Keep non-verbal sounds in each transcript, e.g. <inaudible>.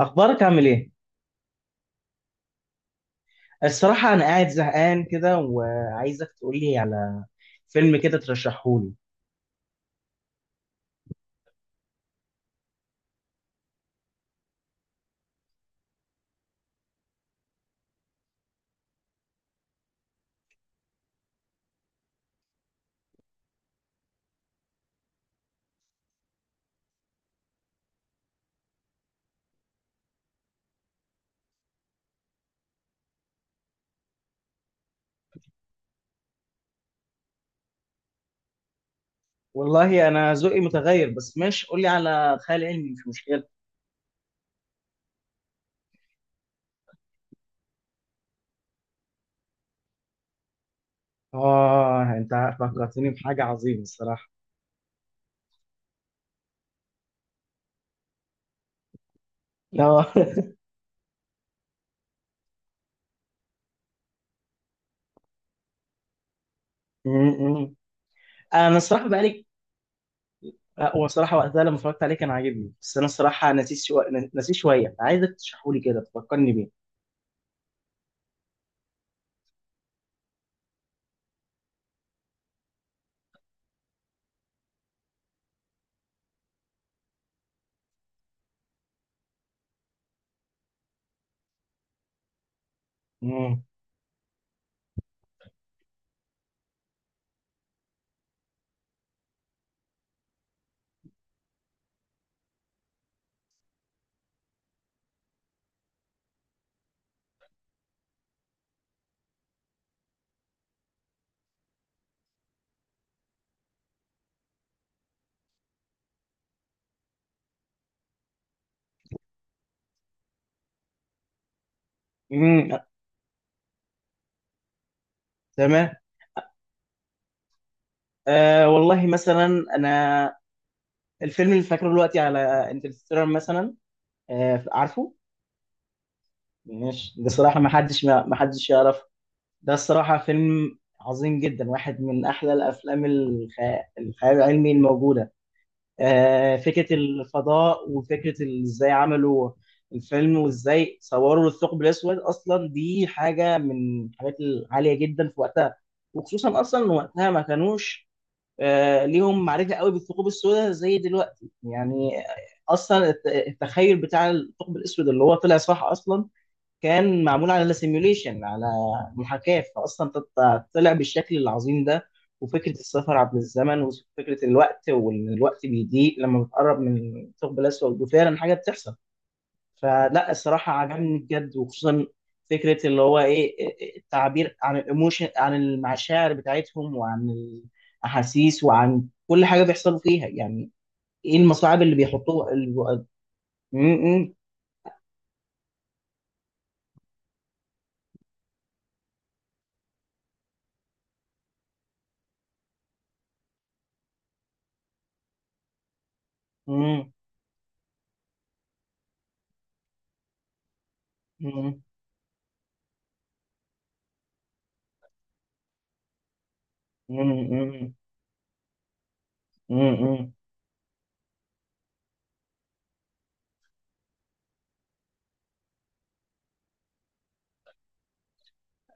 اخبارك عامل ايه؟ الصراحه انا قاعد زهقان كده، وعايزك تقول لي على فيلم كده ترشحه لي. والله انا ذوقي متغير، بس ماشي قول لي على خيال علمي، مش مشكله. اه انت فكرتني بحاجه عظيمه الصراحه. اه. <laughs> م- م. انا الصراحه بقالي. هو الصراحه وقتها لما اتفرجت عليه كان عاجبني، بس انا الصراحه نسيت شويه، عايزك تشرحه لي كده تفكرني بيه. مم. مم. تمام. آه والله مثلا، انا الفيلم اللي فاكره دلوقتي على انترستيلر مثلا. آه، عارفه. مش ده صراحة، ما حدش يعرف. ده الصراحة فيلم عظيم جدا، واحد من أحلى الأفلام الخيال العلمي الموجودة. آه، فكرة الفضاء وفكرة إزاي عملوا الفيلم وإزاي صوروا الثقب الأسود أصلا، دي حاجة من الحاجات العالية جدا في وقتها. وخصوصا أصلا إن وقتها ما كانوش ليهم معرفة قوي بالثقوب السوداء زي دلوقتي يعني. أصلا التخيل بتاع الثقب الأسود اللي هو طلع صح أصلا، كان معمول على سيميوليشن، على محاكاة، فأصلا طلع بالشكل العظيم ده. وفكرة السفر عبر الزمن، وفكرة الوقت، وإن الوقت بيضيق لما بتقرب من الثقب الأسود، وفعلا حاجة بتحصل. فلا الصراحة عجبني بجد، وخصوصا فكرة اللي هو إيه، التعبير عن الإيموشن، عن المشاعر بتاعتهم، وعن الأحاسيس، وعن كل حاجة بيحصلوا فيها يعني. إيه المصاعب اللي بيحطوها. م- م- م- م- م- م- م-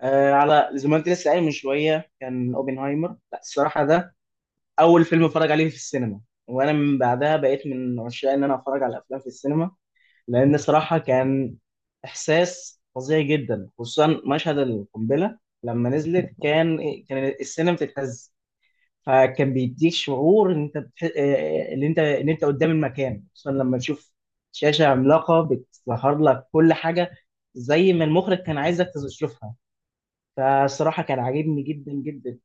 آه، على زي ما انت لسه قايل من شويه، كان اوبنهايمر. لا الصراحه ده اول فيلم اتفرج عليه في السينما، وانا من بعدها بقيت من عشاق ان انا اتفرج على افلام في السينما، لان صراحه كان احساس فظيع جدا، خصوصا مشهد القنبله لما نزلت. كان السينما بتتهز، فكان بيديك شعور ان انت ان انت قدام المكان، خصوصا لما تشوف شاشه عملاقه بتظهر لك كل حاجه زي ما المخرج كان عايزك تشوفها. فالصراحة كان عاجبني جدا جدا.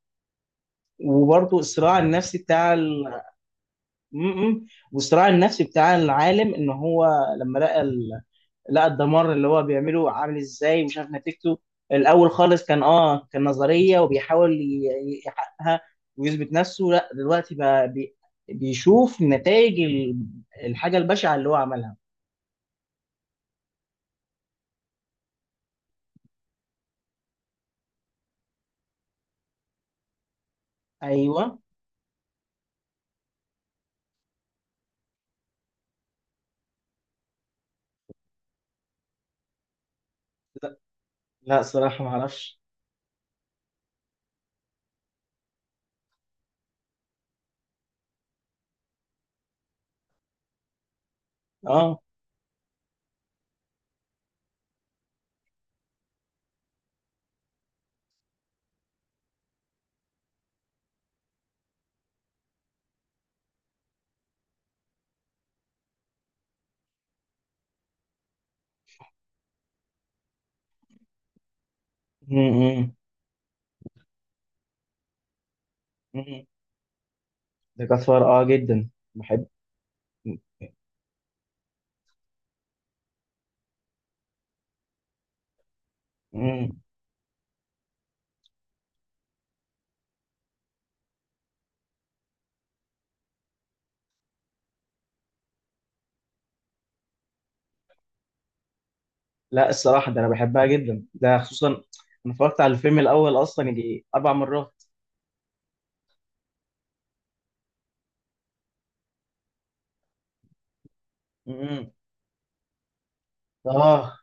وبرضه الصراع النفسي بتاع. م- م. والصراع النفسي بتاع العالم، ان هو لما لقى الدمار اللي هو بيعمله عامل ازاي، ومش عارف نتيجته. الاول خالص كان نظرية وبيحاول يحققها ويثبت نفسه، لا دلوقتي بقى بيشوف نتائج الحاجة البشعة اللي هو عملها. ايوه. لا، لا صراحة ما اعرفش. اه. م- م. م. ده كفار جدا. بحب. م- لا الصراحة ده أنا بحبها جدا، ده خصوصا أنا اتفرجت على الفيلم الأول أصلا يجي 4 مرات. امم آه،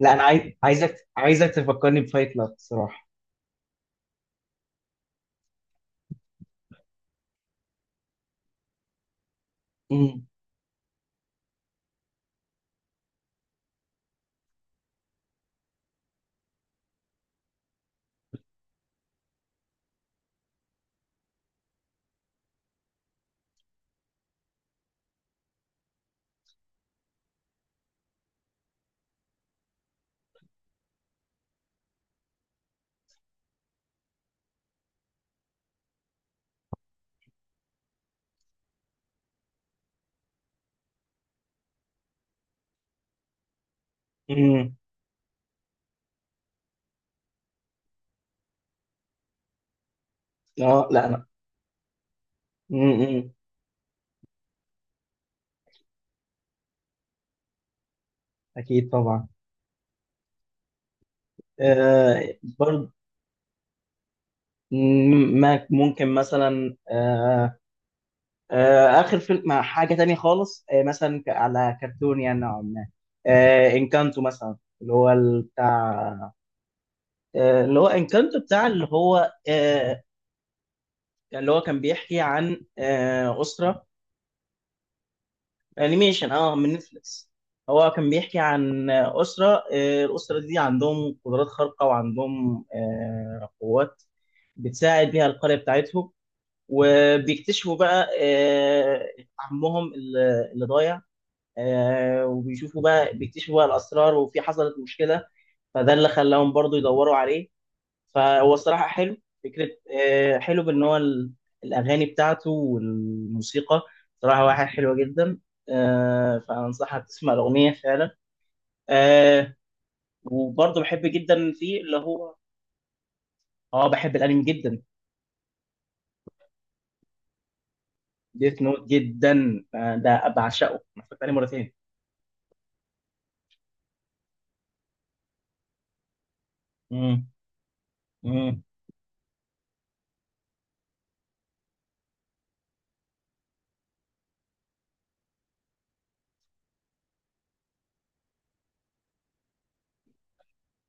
لا أنا عايزك تفكرني بفايت لاب الصراحة. امم امم آه لا أنا. امم أكيد طبعا. آه برضه. ممكن مثلا، آخر فيلم مع حاجة تانية خالص، مثلا على كرتون يعني نوعا ما. إنكانتو مثلا، اللي هو ال- بتاع آه، اللي هو انكانتو بتاع اللي هو. يعني اللي هو كان بيحكي عن أسرة. أنيميشن من نتفليكس. هو كان بيحكي عن أسرة. الأسرة دي عندهم قدرات خارقة، وعندهم قوات بتساعد بيها القرية بتاعتهم. وبيكتشفوا بقى عمهم اللي ضايع. وبيشوفوا بقى بيكتشفوا بقى الأسرار، وفي حصلت مشكلة، فده اللي خلاهم برضو يدوروا عليه. فهو الصراحة حلو فكرة. حلو بإن هو الأغاني بتاعته والموسيقى صراحة واحد حلوة جدا. آه، فأنصحك تسمع الأغنية فعلا. آه، وبرضه بحب جدا فيه اللي هو. اه بحب الأنمي جدا. ديث نوت جدا، ده بعشقه، أنا اتفرجت عليه مرتين. مم. مم.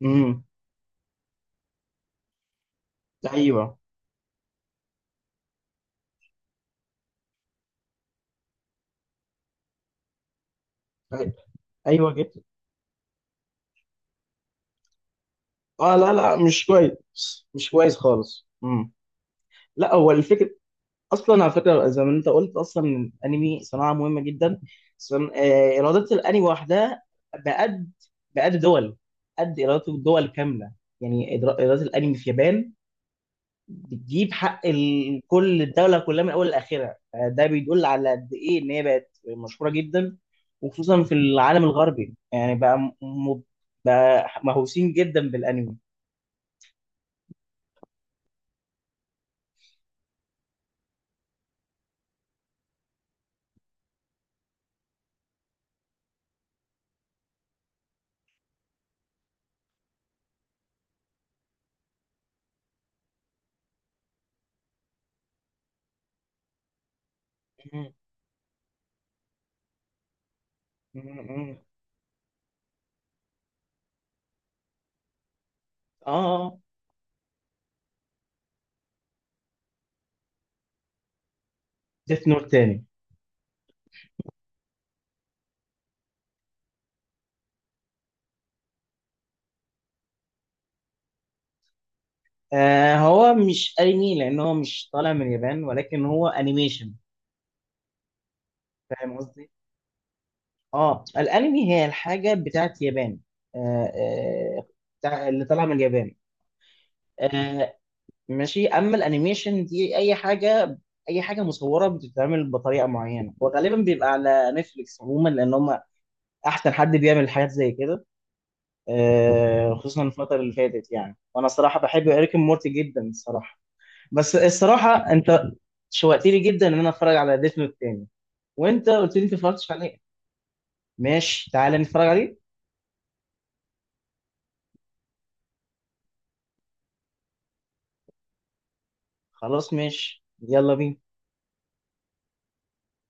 مم. ايوه. أي- ايوه جدا. اه، لا لا مش كويس، مش كويس خالص. مم. لا هو الفكرة. اصلا على فكره زي ما انت قلت، اصلا الانمي صناعه مهمه جدا. صن... آه، ايرادات الانمي وحدها، بقد بقد دول قد ايرادات الدول كامله. يعني ايرادات الانمي في اليابان بتجيب حق كل الدوله كلها من اول لاخرها. ده بيدل على قد ايه ان هي بقت مشهوره جدا، وخصوصا في العالم الغربي. يعني م- بقى مهووسين جدا بالانمي. م- م- م- اه ديث نوت تاني. آه هو مش انمي، لان هو مش طالع من اليابان، ولكن هو انيميشن. فاهم قصدي. اه الانمي هي الحاجه بتاعت اليابان. آه. آه. بتاع اللي طالعه من اليابان. آه. ماشي، اما الانيميشن دي اي حاجه، اي حاجه مصوره بتتعمل بطريقه معينه، وغالبا بيبقى على نتفليكس عموما، لان هم احسن حد بيعمل حاجات زي كده. آه، خصوصا الفتره اللي فاتت يعني. وانا الصراحه بحب اريك مورتي جدا الصراحه. بس الصراحه انت شوقتني جدا ان انا اتفرج على ديث نوت تاني، وانت قلت لي انت ما اتفرجتش عليه. ماشي، تعالى نتفرج عليه. خلاص، ماشي، يلا بينا.